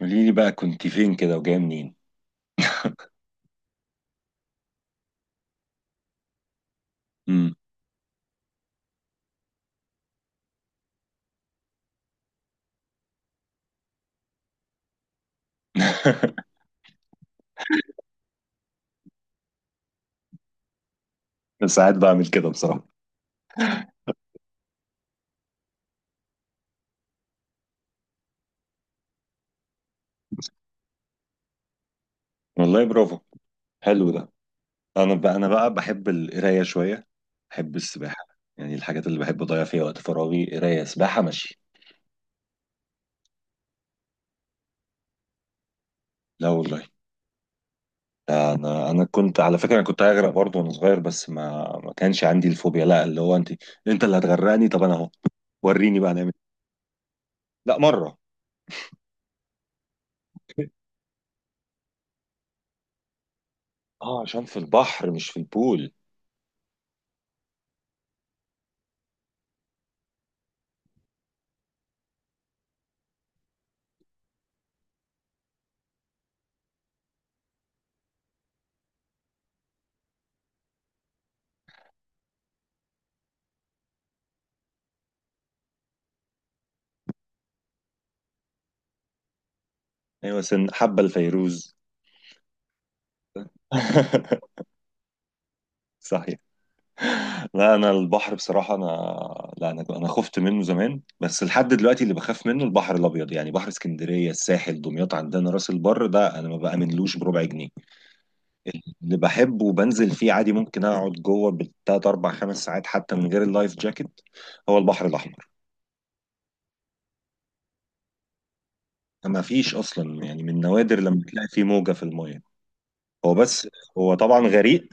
قولي لي بقى كنت فين كده وجايه منين؟ امم. ساعات بعمل كده بصراحه. والله برافو، حلو ده. انا بقى بحب القرايه شويه، بحب السباحه. يعني الحاجات اللي بحب اضيع فيها وقت فراغي قرايه سباحه ماشي. لا والله، ده انا كنت على فكره، انا كنت هغرق برضه وانا صغير، بس ما كانش عندي الفوبيا. لا، اللي هو انت. انت اللي هتغرقني، طب انا اهو، وريني بقى نعمل إيه. لا، مره. اه، عشان في البحر مش في البول. ايوه، سن حبه الفيروز. صح. لا، انا البحر بصراحه انا، لا انا خفت منه زمان بس لحد دلوقتي اللي بخاف منه البحر الابيض، يعني بحر اسكندريه، الساحل، دمياط، عندنا راس البر، ده انا ما بامنلوش بربع جنيه. اللي بحبه وبنزل فيه عادي ممكن اقعد جوه بالتلات اربع خمس ساعات حتى من غير اللايف جاكيت، هو البحر الاحمر. ما فيش اصلا، يعني من نوادر لما تلاقي فيه موجه في الميه. هو بس، هو طبعا غريق.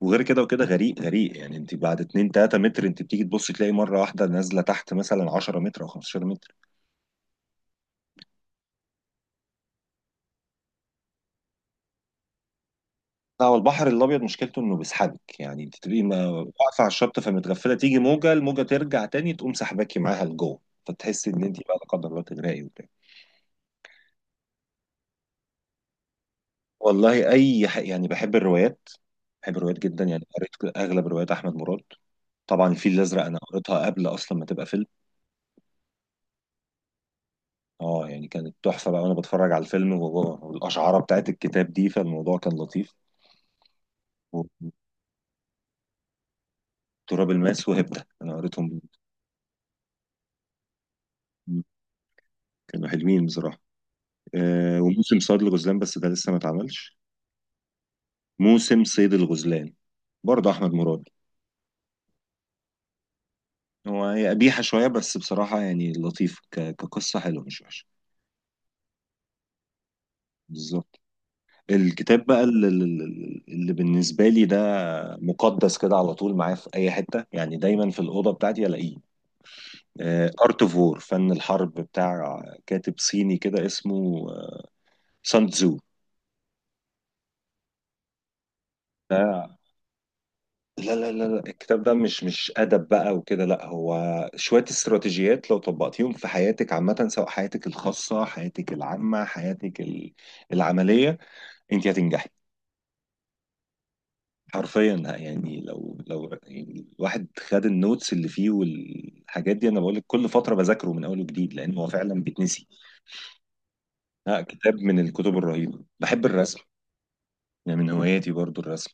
وغير كده وكده غريق غريق، يعني انت بعد 2 3 متر انت بتيجي تبص تلاقي مره واحده نازله تحت مثلا 10 متر او 15 متر. لا، هو البحر الابيض مشكلته انه بيسحبك، يعني انت تبقي واقفه على الشط، فمتغفله تيجي موجه، الموجه ترجع تاني تقوم سحباكي معاها لجوه، فتحسي ان انت بقى لا قدر الله تغرقي وبتاع. والله يعني بحب الروايات، بحب الروايات جدا. يعني قريت اغلب روايات احمد مراد. طبعا الفيل الازرق انا قريتها قبل اصلا ما تبقى فيلم. اه يعني كانت تحفه بقى، وانا بتفرج على الفيلم والاشعاره بتاعت الكتاب دي، فالموضوع كان لطيف. وتراب الماس وهبده انا قريتهم، كانوا حلوين بصراحه. آه، وموسم صياد الغزلان، بس ده لسه ما اتعملش. موسم صيد الغزلان، برضه احمد مراد. هو هي قبيحه شويه بس بصراحه يعني لطيف، كقصه حلوه مش وحشه. بالظبط. الكتاب بقى اللي بالنسبه لي ده مقدس كده، على طول معايا في اي حته، يعني دايما في الاوضه بتاعتي الاقيه: ارت اوف وور، فن الحرب، بتاع كاتب صيني كده اسمه سان تزو. لا لا لا لا، الكتاب ده مش أدب بقى وكده، لا هو شوية استراتيجيات، لو طبقتيهم في حياتك عامة، سواء حياتك الخاصة، حياتك العامة، حياتك العملية، انت هتنجحي حرفيا. يعني لو يعني الواحد خد النوتس اللي فيه والحاجات دي، انا بقول لك كل فترة بذاكره من اول وجديد، لان هو فعلا بيتنسي. لا، كتاب من الكتب الرهيبة. بحب الرسم، يعني من هواياتي برضو الرسم.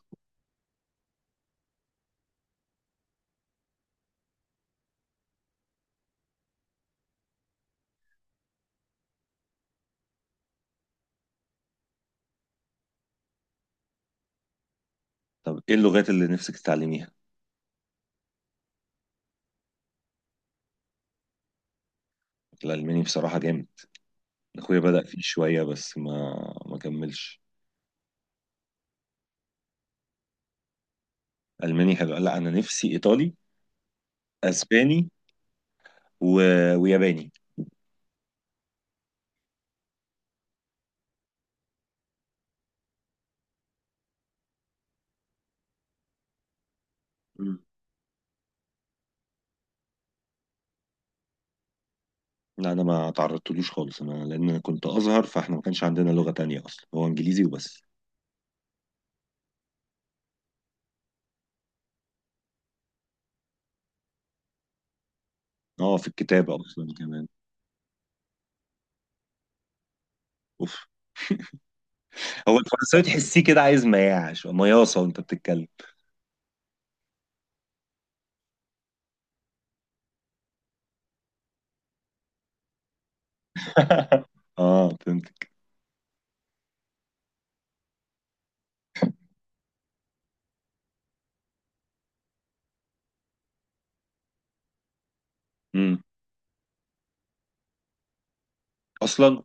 طب ايه اللغات اللي نفسك تتعلميها؟ الألماني بصراحة جامد. اخويا بدأ فيه شوية بس ما كملش. الماني حلو، لا انا نفسي ايطالي، اسباني، و... وياباني. مم. لا، انا ما تعرضتلوش خالص انا، لان انا كنت ازهر، فاحنا ما كانش عندنا لغة تانية اصلا، هو انجليزي وبس. اه، في الكتابة اصلا كمان. اوف. هو الفرنساوي تحسيه كده عايز مياعش مياصة وانت بتتكلم. اه فهمت. امم. اصلا.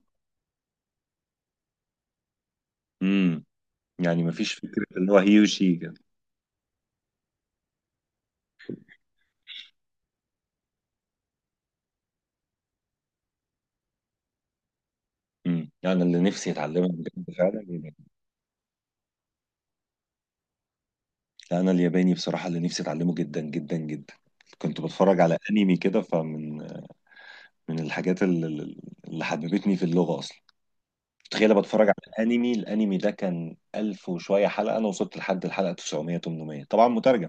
امم. يعني ما فيش فكرة اللي هو هي وشي كده. امم. يعني اللي نفسي اتعلمها بجد فعلا، يعني لا انا الياباني بصراحه اللي نفسي اتعلمه جدا جدا جدا. كنت بتفرج على انمي كده، فمن من الحاجات اللي حببتني في اللغه اصلا. تخيل، بتفرج على انمي، الانمي ده كان 1000 وشويه حلقه، انا وصلت لحد الحلقه 900 800، طبعا مترجم.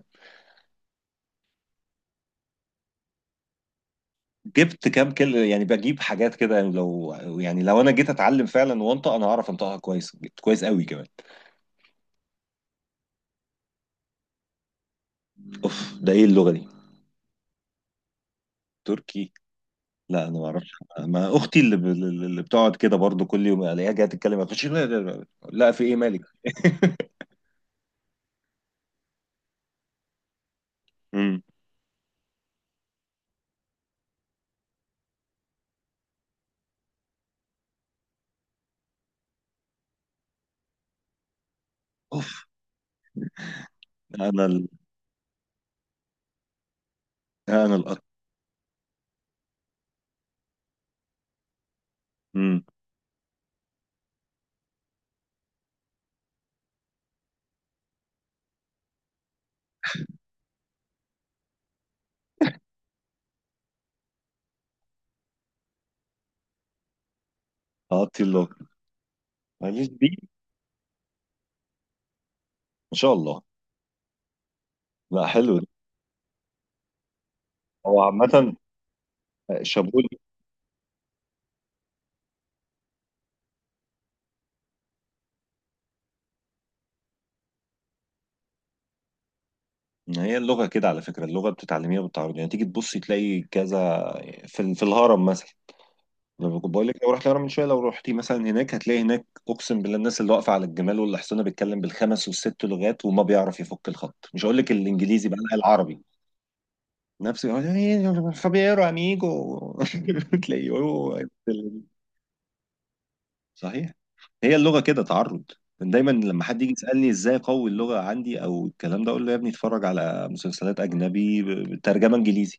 جبت كام كلمه يعني، بجيب حاجات كده، يعني لو يعني لو انا جيت اتعلم فعلا وانطق انا هعرف انطقها كويس كويس قوي كمان. اوف، ده ايه اللغه دي؟ تركي. لا انا ما اعرفش. ما اختي اللي بتقعد كده برضو كل يوم الاقيها جايه تتكلم، اخش لا, لا, لا, لا في ايه مالك. امم. اوف. انا ال... انا القط. امم. هقطي اللغه، ماليش بيه. ما شاء الله، لا حلو ده. هو عامة شابول. هي اللغة كده على فكرة، اللغة بتتعلميها بالتعرض، يعني تيجي تبصي تلاقي كذا. في الهرم مثلا، لما كنت بقول لك لو رحت الهرم من شويه، لو رحتي مثلا هناك هتلاقي هناك، اقسم بالله الناس اللي واقفه على الجمال والحصانه بيتكلم بالخمس والست لغات وما بيعرف يفك الخط، مش هقول لك الانجليزي بقى، لا العربي. نفسي يقول "إيه، فابيرو اميجو". تلاقيه هو. صحيح. هي اللغه كده تعرض. دايما لما حد يجي يسالني ازاي اقوي اللغه عندي او الكلام ده، اقول له يا ابني اتفرج على مسلسلات اجنبي بترجمه انجليزي.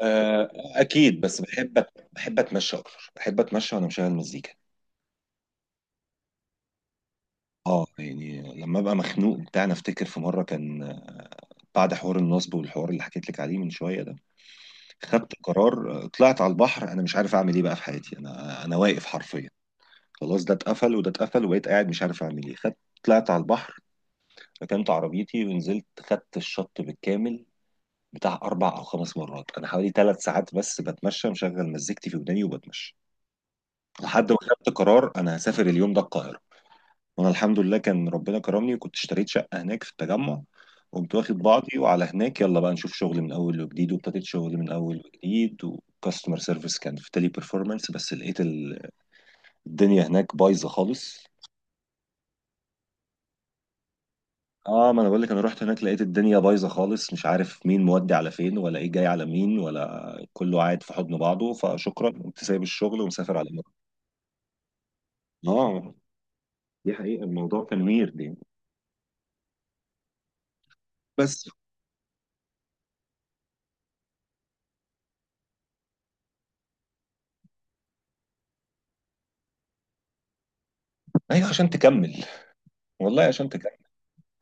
آه، اكيد، بس بحب بحب اتمشى اكتر. بحب اتمشى وانا مشغل مزيكا. اه، يعني لما ابقى مخنوق بتاع انا افتكر في مره كان بعد حوار النصب والحوار اللي حكيت لك عليه من شويه ده، خدت قرار طلعت على البحر، انا مش عارف اعمل ايه بقى في حياتي، انا واقف حرفيا، خلاص ده اتقفل وده اتقفل، وبقيت قاعد مش عارف اعمل ايه. خدت، طلعت على البحر، ركنت عربيتي ونزلت خدت الشط بالكامل بتاع اربع او خمس مرات، انا حوالي ثلاث ساعات بس بتمشى مشغل مزيكتي في وداني وبتمشى، لحد ما خدت قرار انا هسافر اليوم ده القاهره. وانا الحمد لله كان ربنا كرمني، وكنت اشتريت شقه هناك في التجمع، قمت واخد بعضي وعلى هناك يلا بقى نشوف شغل من اول وجديد، وابتديت شغل من اول وجديد وكاستمر سيرفيس كان في تيلي بيرفورمانس، بس لقيت الدنيا هناك بايظه خالص. اه، ما انا بقول لك انا رحت هناك لقيت الدنيا بايظه خالص، مش عارف مين مودي على فين ولا ايه جاي على مين ولا كله قاعد في حضن بعضه، فشكرا قمت سايب الشغل ومسافر على مصر. اه، دي حقيقة الموضوع كان ويرد يعني. بس. ايوه عشان تكمل، والله عشان تكمل.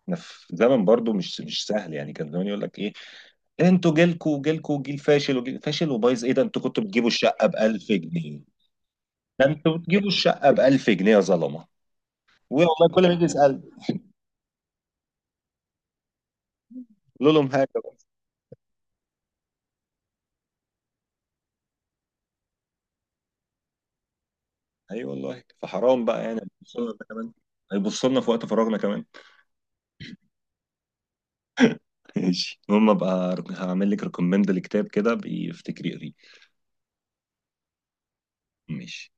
احنا في زمن برضو مش سهل. يعني كان زمان يقول لك ايه، انتوا جيلكوا جيلكوا جيل فاشل وجيل فاشل وبايظ، ايه ده انتوا كنتوا بتجيبوا الشقه ب 1000 جنيه؟ ده انتوا بتجيبوا الشقه ب 1000 جنيه يا ظلمه، والله كل ما يجي يسال قول لهم حاجه بقى. اي والله، فحرام بقى يعني، هيبصوا لنا كمان، هيبصوا لنا في وقت فراغنا كمان. ماشي، المهم ابقى هعمل لك ريكومند لكتاب كده، بيفتكري اقريه. ماشي.